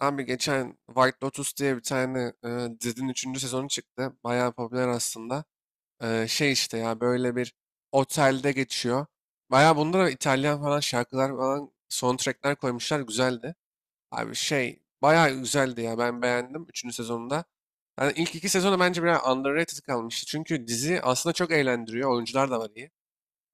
Abi geçen White Lotus diye bir tane dizinin 3. sezonu çıktı. Bayağı popüler aslında. Şey işte ya böyle bir otelde geçiyor. Bayağı bunda da İtalyan falan şarkılar falan soundtrackler koymuşlar. Güzeldi. Abi şey bayağı güzeldi ya ben beğendim üçüncü sezonunda. Yani ilk iki sezonu bence biraz underrated kalmıştı. Çünkü dizi aslında çok eğlendiriyor. Oyuncular da var iyi.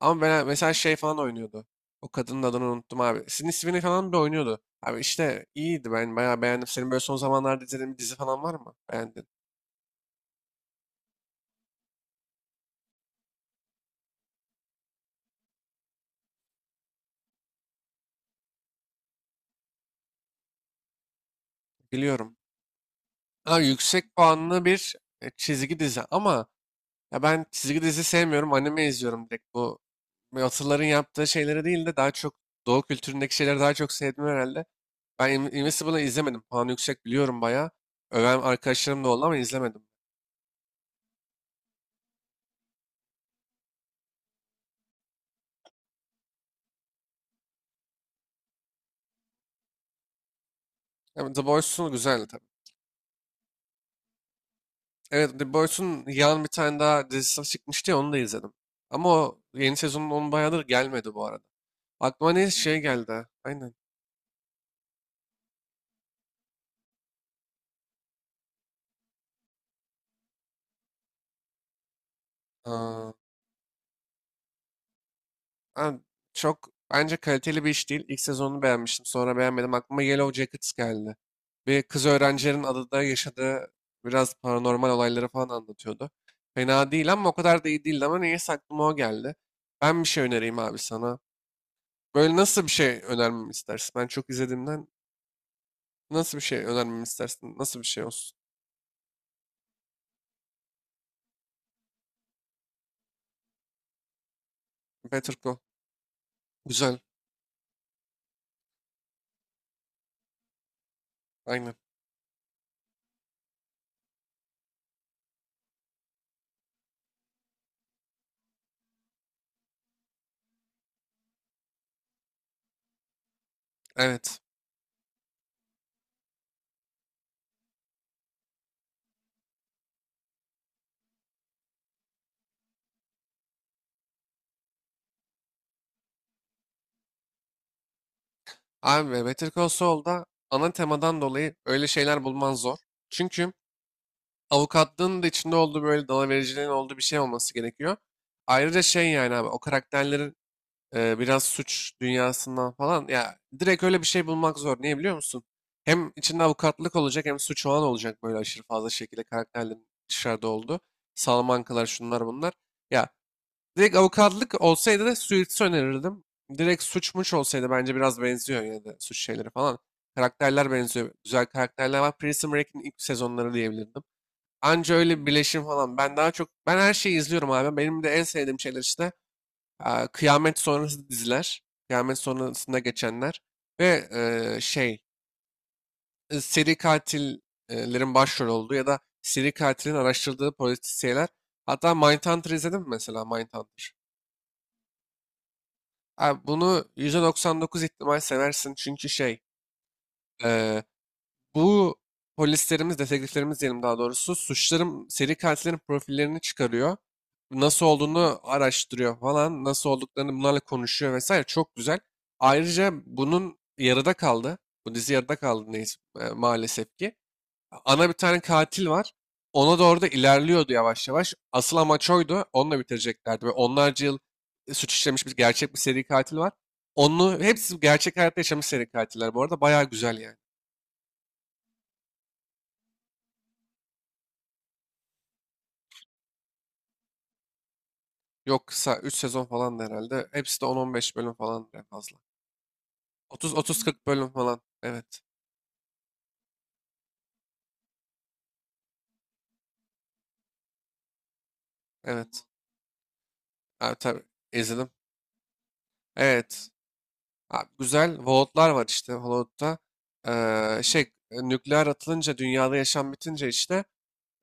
Ama ben mesela şey falan oynuyordu. O kadının adını unuttum abi. Sydney Sweeney falan bile oynuyordu. Abi işte iyiydi ben bayağı beğendim. Senin böyle son zamanlarda izlediğin bir dizi falan var mı? Beğendin. Biliyorum. Abi yüksek puanlı bir çizgi dizi ama ya ben çizgi dizi sevmiyorum. Anime izliyorum direkt bu. Yatırların yaptığı şeyleri değil de daha çok Doğu kültüründeki şeyleri daha çok sevdim herhalde. Ben Invincible'ı izlemedim. Puanı yüksek biliyorum bayağı. Öven arkadaşlarım da oldu ama izlemedim. Yani The Boys'un güzeldi tabii. Evet, The Boys'un yan bir tane daha dizisi çıkmıştı ya onu da izledim. Ama o yeni sezonun onun bayağıdır gelmedi bu arada. Aklıma ne şey geldi. Aynen. Aa, ha, çok bence kaliteli bir iş değil. İlk sezonunu beğenmiştim. Sonra beğenmedim. Aklıma Yellow Jackets geldi. Bir kız öğrencilerin adada yaşadığı biraz paranormal olayları falan anlatıyordu. Fena değil ama o kadar da iyi değildi ama neyse aklıma o geldi. Ben bir şey önereyim abi sana. Böyle nasıl bir şey önermemi istersin? Ben çok izlediğimden nasıl bir şey önermemi istersin? Nasıl bir şey olsun? Better Call. Güzel. Aynen. Evet. Abi Better Call Saul'da ana temadan dolayı öyle şeyler bulman zor. Çünkü avukatlığın da içinde olduğu böyle dalavericiliğin olduğu bir şey olması gerekiyor. Ayrıca şey yani abi o karakterlerin biraz suç dünyasından falan ya direkt öyle bir şey bulmak zor. Niye biliyor musun? Hem içinde avukatlık olacak hem suç falan olacak böyle aşırı fazla şekilde karakterlerin dışarıda olduğu. Salamankalar şunlar bunlar. Ya direkt avukatlık olsaydı da Suits'i önerirdim. Direkt suçmuş olsaydı bence biraz benziyor yine de suç şeyleri falan. Karakterler benziyor. Güzel karakterler var. Prison Break'in ilk sezonları diyebilirdim. Anca öyle bir birleşim falan. Ben daha çok ben her şeyi izliyorum abi. Benim de en sevdiğim şeyler işte kıyamet sonrası diziler. Kıyamet sonrasında geçenler. Ve e, şey seri katillerin başrol olduğu ya da seri katilin araştırdığı polisiyeler. Hatta Mindhunter izledim mi mesela Mindhunter? Abi bunu %99 ihtimal seversin çünkü şey eee, bu polislerimiz, dedektiflerimiz diyelim daha doğrusu suçların, seri katillerin profillerini çıkarıyor. Nasıl olduğunu araştırıyor falan, nasıl olduklarını bunlarla konuşuyor vesaire çok güzel. Ayrıca bunun yarıda kaldı. Bu dizi yarıda kaldı neyse, maalesef ki ana bir tane katil var. Ona doğru da ilerliyordu yavaş yavaş. Asıl amaç oydu. Onunla bitireceklerdi. Ve onlarca yıl suç işlemiş bir gerçek bir seri katil var. Onu hepsi gerçek hayatta yaşamış seri katiller bu arada. Bayağı güzel yani. Yok kısa 3 sezon falan da herhalde. Hepsi de 10 15 bölüm falan en fazla. Otuz-otuz-kırk bölüm falan. Evet. Evet. Abi tabii izledim. Evet. Abi, güzel Vault'lar var işte Hollywood'da. Ee, şey Nükleer atılınca dünyada yaşam bitince işte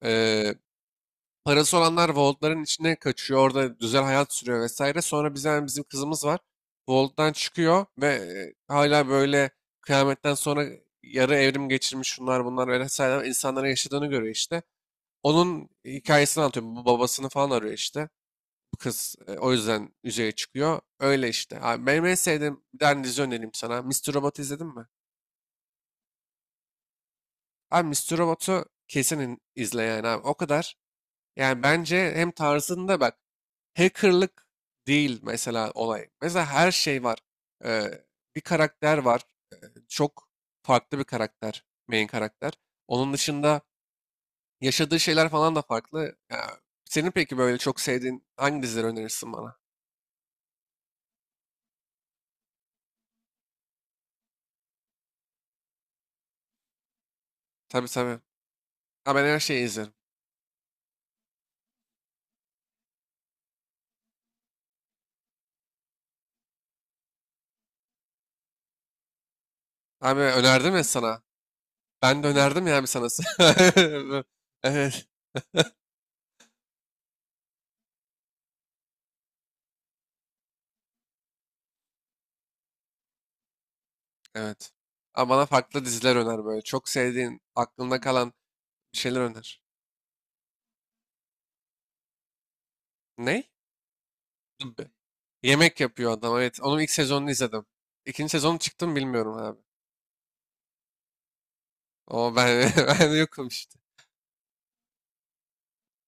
ee, parası olanlar Volt'ların içine kaçıyor. Orada güzel hayat sürüyor vesaire. Sonra biz yani bizim kızımız var. Vault'tan çıkıyor ve hala böyle kıyametten sonra yarı evrim geçirmiş şunlar bunlar vesaire insanların yaşadığını görüyor işte. Onun hikayesini anlatıyor. Bu babasını falan arıyor işte. Bu kız o yüzden yüzeye çıkıyor. Öyle işte. Abi, benim en sevdiğim bir tane dizi önereyim sana. Mister Robot'u izledin mi? Abi Mister Robot'u kesin izle yani abi. O kadar. Yani bence hem tarzında bak. Hackerlık değil mesela olay. Mesela her şey var. Ee, Bir karakter var. Çok farklı bir karakter. Main karakter. Onun dışında yaşadığı şeyler falan da farklı. Ya, senin peki böyle çok sevdiğin hangi dizileri önerirsin bana? Tabii tabii. Ha, ben her şeyi izlerim. Abi önerdim ya sana. Ben de önerdim yani sana. Evet. Evet. Ama bana farklı diziler öner böyle. Çok sevdiğin, aklında kalan bir şeyler öner. Ne? Tabii. Yemek yapıyor adam evet. Onun ilk sezonunu izledim. İkinci sezonu çıktı mı bilmiyorum abi. O ben, ben yokum işte.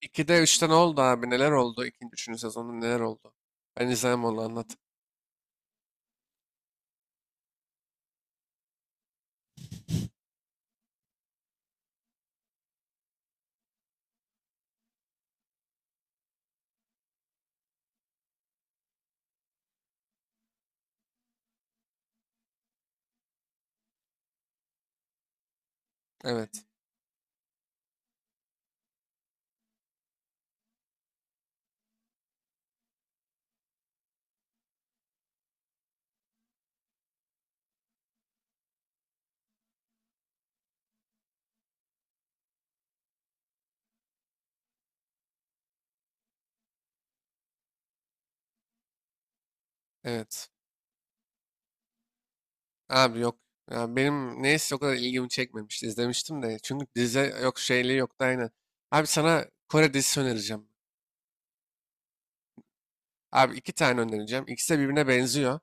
2'de 3'te ne oldu abi? Neler oldu? İkinci, üçüncü sezonda neler oldu? Ben izlemem onu anlat. Evet. Evet. Abi yok. Ya benim neyse o kadar ilgimi çekmemişti. İzlemiştim de. Çünkü dizi yok şeyliği yoktu aynen. Abi sana Kore dizisi önereceğim. Abi iki tane önereceğim. İkisi de birbirine benziyor.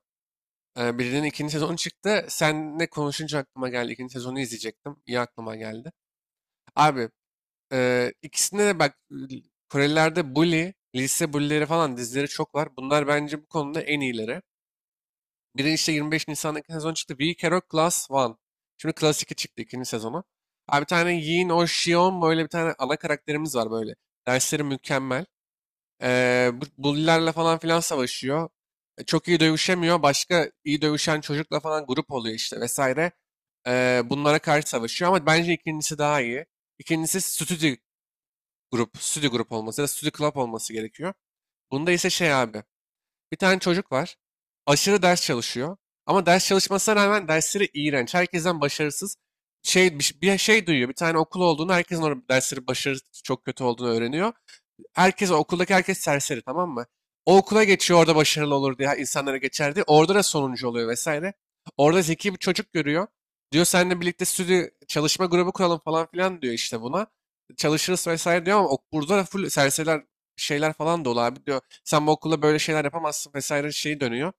Birinin ikinci sezonu çıktı. Seninle konuşunca aklıma geldi. İkinci sezonu izleyecektim. İyi aklıma geldi. Abi ikisinde de bak Korelilerde bully, lise bully'leri falan dizileri çok var. Bunlar bence bu konuda en iyileri. Biri işte 25 Nisan'daki sezon çıktı. We Care of Class One. Şimdi Class 2 çıktı ikinci sezonu. Abi bir tane Yin Oh Shion böyle bir tane ana karakterimiz var böyle. Dersleri mükemmel. Bu bully'lerle falan filan savaşıyor. Çok iyi dövüşemiyor. Başka iyi dövüşen çocukla falan grup oluyor işte vesaire. Bunlara karşı savaşıyor ama bence ikincisi daha iyi. İkincisi stüdyo grup, stüdyo grup olması ya da stüdyo club olması gerekiyor. Bunda ise şey abi, bir tane çocuk var. Aşırı ders çalışıyor. Ama ders çalışmasına rağmen dersleri iğrenç. Herkesten başarısız. Şey, bir şey duyuyor. Bir tane okul olduğunu, herkesin orada dersleri başarı çok kötü olduğunu öğreniyor herkes okuldaki herkes serseri tamam mı? O okula geçiyor orada başarılı olur diye insanlara geçer diye. Orada da sonuncu oluyor vesaire. Orada zeki bir çocuk görüyor. Diyor seninle birlikte stüdyo çalışma grubu kuralım falan filan diyor işte buna. Çalışırız vesaire diyor ama burada da full serseriler şeyler falan dolu abi diyor. Sen bu okulda böyle şeyler yapamazsın vesaire şeyi dönüyor.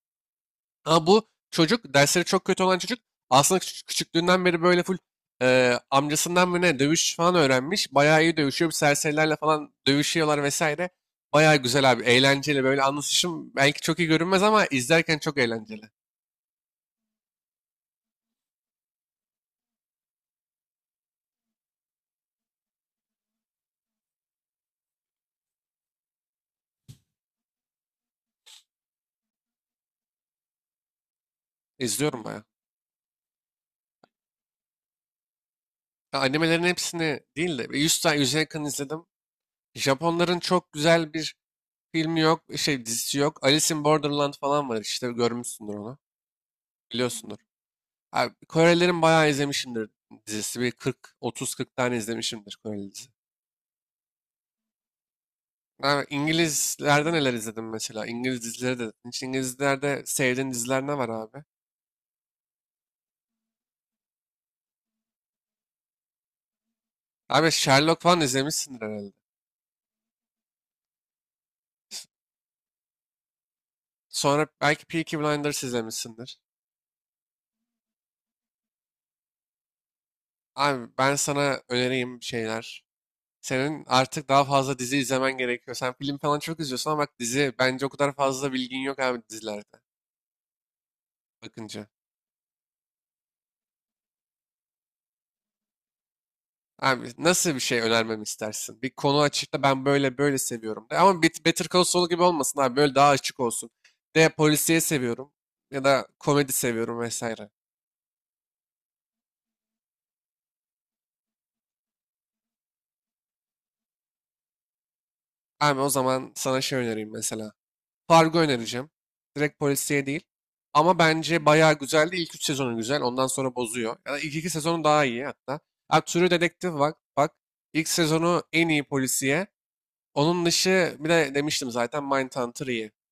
Ama bu çocuk dersleri çok kötü olan çocuk aslında küçüklüğünden beri böyle full amcasından mı ne dövüş falan öğrenmiş. Bayağı iyi dövüşüyor. Bir serserilerle falan dövüşüyorlar vesaire. Bayağı güzel abi. Eğlenceli böyle anlatışım belki çok iyi görünmez ama izlerken çok eğlenceli. İzliyorum bayağı. Ya animelerin hepsini değil de bir 100 tane 100'e yakın izledim. Japonların çok güzel bir filmi yok, şey dizisi yok. Alice in Borderland falan var işte görmüşsündür onu. Biliyorsundur. Abi, Korelilerin bayağı izlemişimdir dizisi. Bir 40, 30-40 tane izlemişimdir Koreli dizi. Abi, İngilizlerden neler izledim mesela? İngiliz dizileri de. Hiç İngilizlerde sevdiğin diziler ne var abi? Abi Sherlock falan izlemişsindir herhalde. Sonra belki Peaky Blinders izlemişsindir. Abi ben sana önereyim bir şeyler. Senin artık daha fazla dizi izlemen gerekiyor. Sen film falan çok izliyorsun ama bak dizi bence o kadar fazla bilgin yok abi dizilerde bakınca. Abi nasıl bir şey önermemi istersin? Bir konu açıkla ben böyle böyle seviyorum de. Ama Better Call Saul gibi olmasın abi. Böyle daha açık olsun. De polisiye seviyorum. Ya da komedi seviyorum vesaire. Abi o zaman sana şey önereyim mesela. Fargo önereceğim. Direkt polisiye değil. Ama bence bayağı güzeldi. İlk 3 sezonu güzel. Ondan sonra bozuyor. Ya da ilk 2 sezonu daha iyi hatta. Abi True Detective bak. Bak. İlk sezonu en iyi polisiye. Onun dışı bir de demiştim zaten Mindhunter iyi.